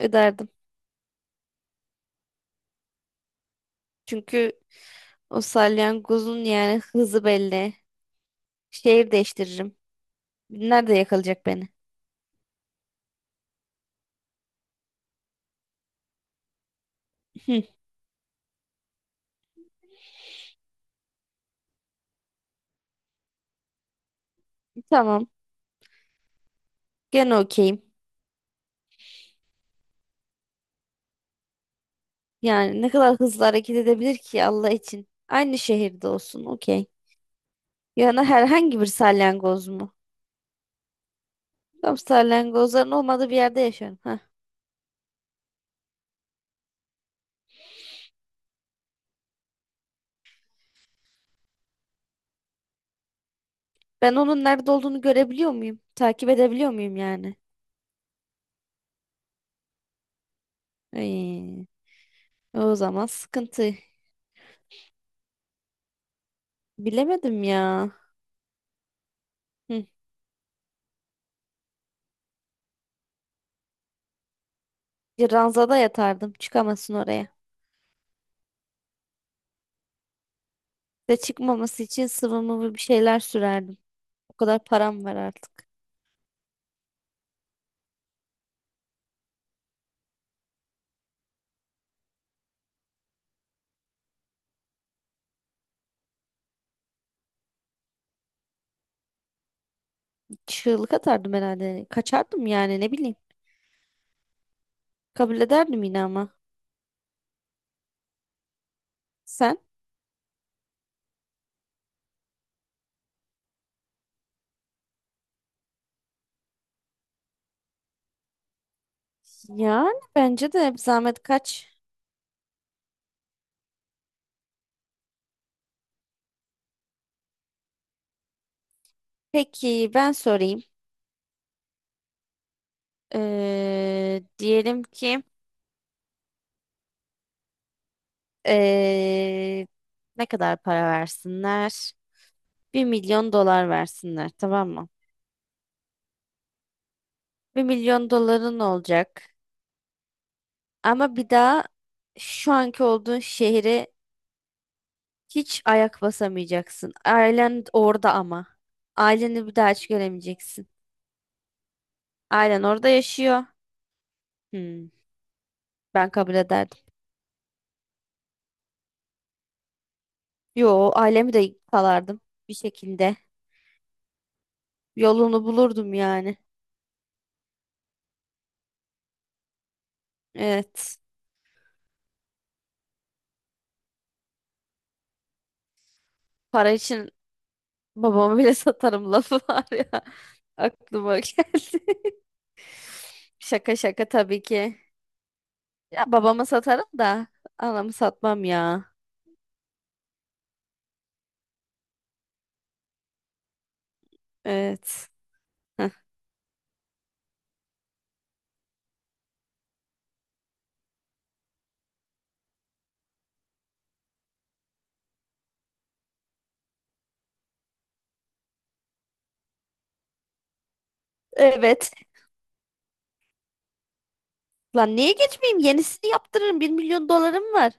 Öderdim. Çünkü o salyangozun yani hızı belli. Şehir değiştiririm. Nerede yakalayacak beni? Hı. Tamam. Gene okeyim. Yani ne kadar hızlı hareket edebilir ki Allah için. Aynı şehirde olsun. Okey. Yani herhangi bir salyangoz mu? Tam salyangozların olmadığı bir yerde yaşıyorum. Heh. Ben onun nerede olduğunu görebiliyor muyum? Takip edebiliyor muyum yani? Ay, o zaman sıkıntı. Bilemedim ya. Hı. Bir ranzada yatardım. Çıkamasın oraya. Ve çıkmaması için sıvı mıvı bir şeyler sürerdim. O kadar param var artık. Çığlık atardım herhalde. Kaçardım yani ne bileyim. Kabul ederdim yine ama. Sen? Yani bence de zahmet kaç. Peki ben sorayım. Diyelim ki Ee, ne kadar para versinler? Bir milyon dolar versinler, tamam mı? Bir milyon doların olacak. Ama bir daha şu anki olduğun şehre hiç ayak basamayacaksın. Ailen orada ama. Aileni bir daha hiç göremeyeceksin. Ailen orada yaşıyor. Hmm, Ben kabul ederdim. Yo, ailemi de kalardım bir şekilde. Yolunu bulurdum yani. Evet. Para için babama bile satarım lafı var ya. Aklıma geldi. Şaka şaka tabii ki. Ya babama satarım da anamı satmam ya. Evet. Heh. Evet. Lan niye geçmeyeyim? Yenisini yaptırırım. Bir milyon dolarım var.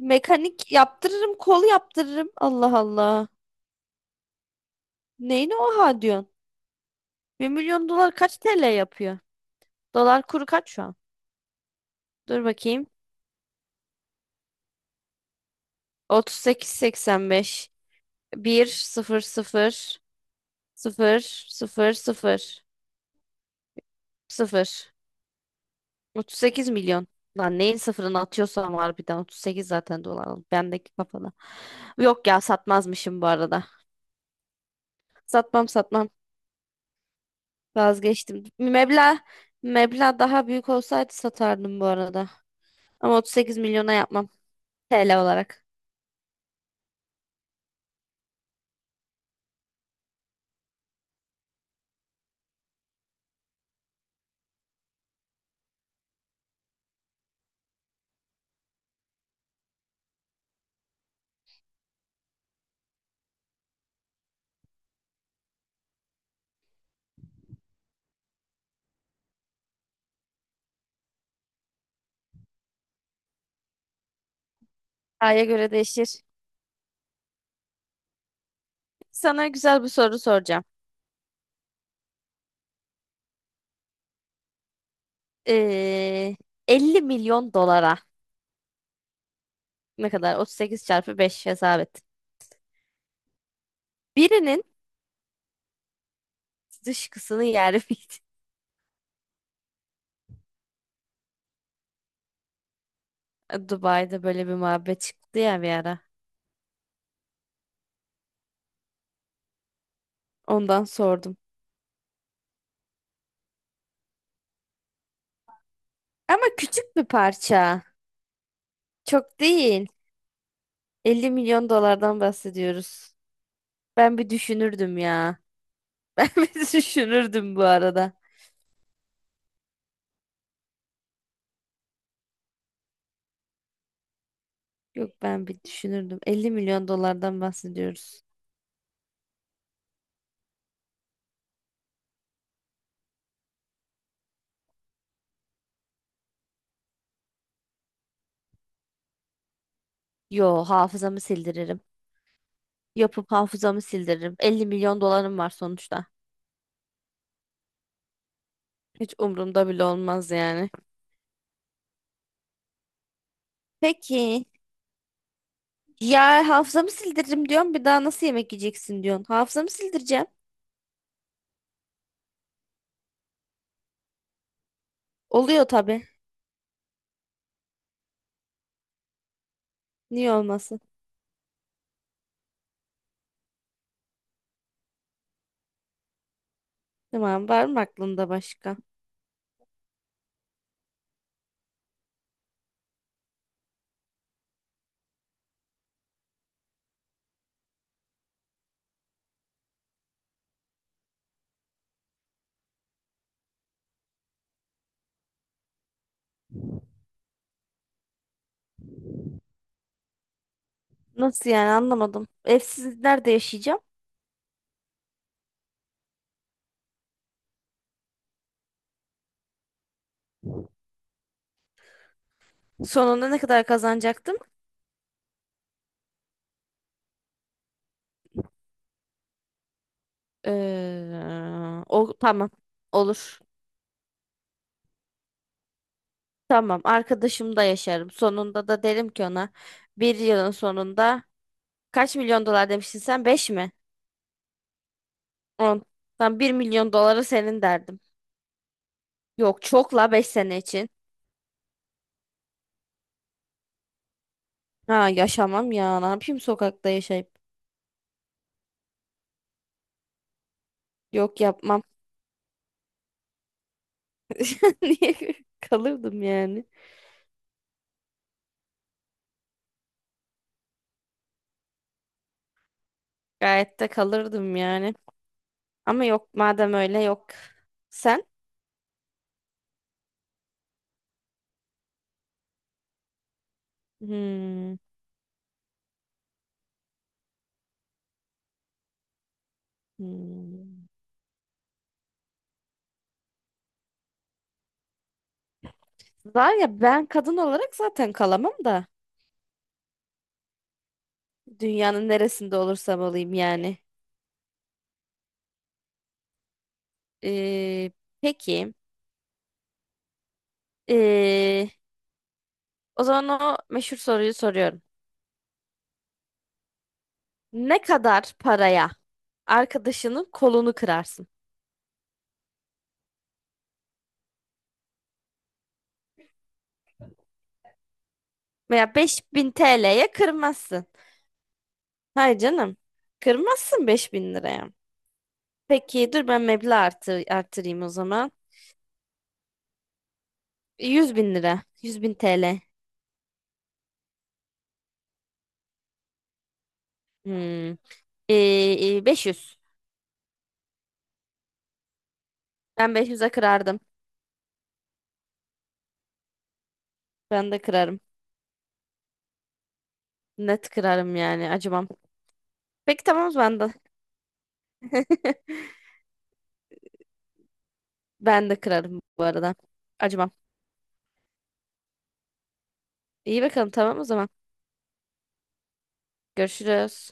Mekanik yaptırırım, kol yaptırırım. Allah Allah. Neyine oha diyorsun? Bir milyon dolar kaç TL yapıyor? Dolar kuru kaç şu an? Dur bakayım. Otuz sekiz virgül seksen beş bir sıfır sıfır sıfır sıfır sıfır sıfır. 38 milyon. Lan neyin sıfırını atıyorsam harbiden 38 zaten dolar oldu. Bendeki kafada. Yok ya satmazmışım bu arada. Satmam satmam. Vazgeçtim. Meblağ, meblağ daha büyük olsaydı satardım bu arada. Ama 38 milyona yapmam. TL olarak. Aya göre değişir. Sana güzel bir soru soracağım. Ee, 50 milyon dolara ne kadar? 38 çarpı 5 hesap et. Birinin dışkısını yer miydin? Dubai'de böyle bir muhabbet çıktı ya bir ara. Ondan sordum. Ama küçük bir parça. Çok değil. 50 milyon dolardan bahsediyoruz. Ben bir düşünürdüm ya. Ben bir düşünürdüm bu arada. Yok ben bir düşünürdüm. 50 milyon dolardan bahsediyoruz. Yo hafızamı sildiririm. Yapıp hafızamı sildiririm. 50 milyon dolarım var sonuçta. Hiç umurumda bile olmaz yani. Peki. Ya hafızamı sildiririm diyorsun, bir daha nasıl yemek yiyeceksin diyorsun. Hafızamı sildireceğim. Oluyor tabii. Niye olmasın? Tamam, var mı aklında başka? Nasıl yani, anlamadım. Evsiz nerede yaşayacağım? Sonunda ne kadar kazanacaktım? O tamam. Olur. Tamam. Arkadaşımda yaşarım. Sonunda da derim ki ona bir yılın sonunda kaç milyon dolar demiştin sen? 5 mi? 10. Tam bir milyon doları senin derdim. Yok çok la 5 sene için. Ha yaşamam ya. Ne yapayım sokakta yaşayıp. Yok yapmam. Niye kalırdım yani? Gayet de kalırdım yani. Ama yok madem öyle, yok. Sen? Hmm. Hmm. Var ya ben kadın olarak zaten kalamam da. Dünyanın neresinde olursam olayım yani. Ee, peki. Ee, o zaman o meşhur soruyu soruyorum. Ne kadar paraya arkadaşının kolunu kırarsın? Veya 5.000 TL'ye kırmazsın. Hayır canım. Kırmazsın 5000 liraya. Peki dur ben meblağ artır, artırayım o zaman. 100 bin lira. Yüz bin TL. Hmm. Beş yüz. Ben beş yüz'e kırardım. Ben de kırarım. Net kırarım yani. Acımam. Peki tamam o zaman da. Ben de kırarım bu arada. Acımam. İyi bakalım, tamam o zaman. Görüşürüz.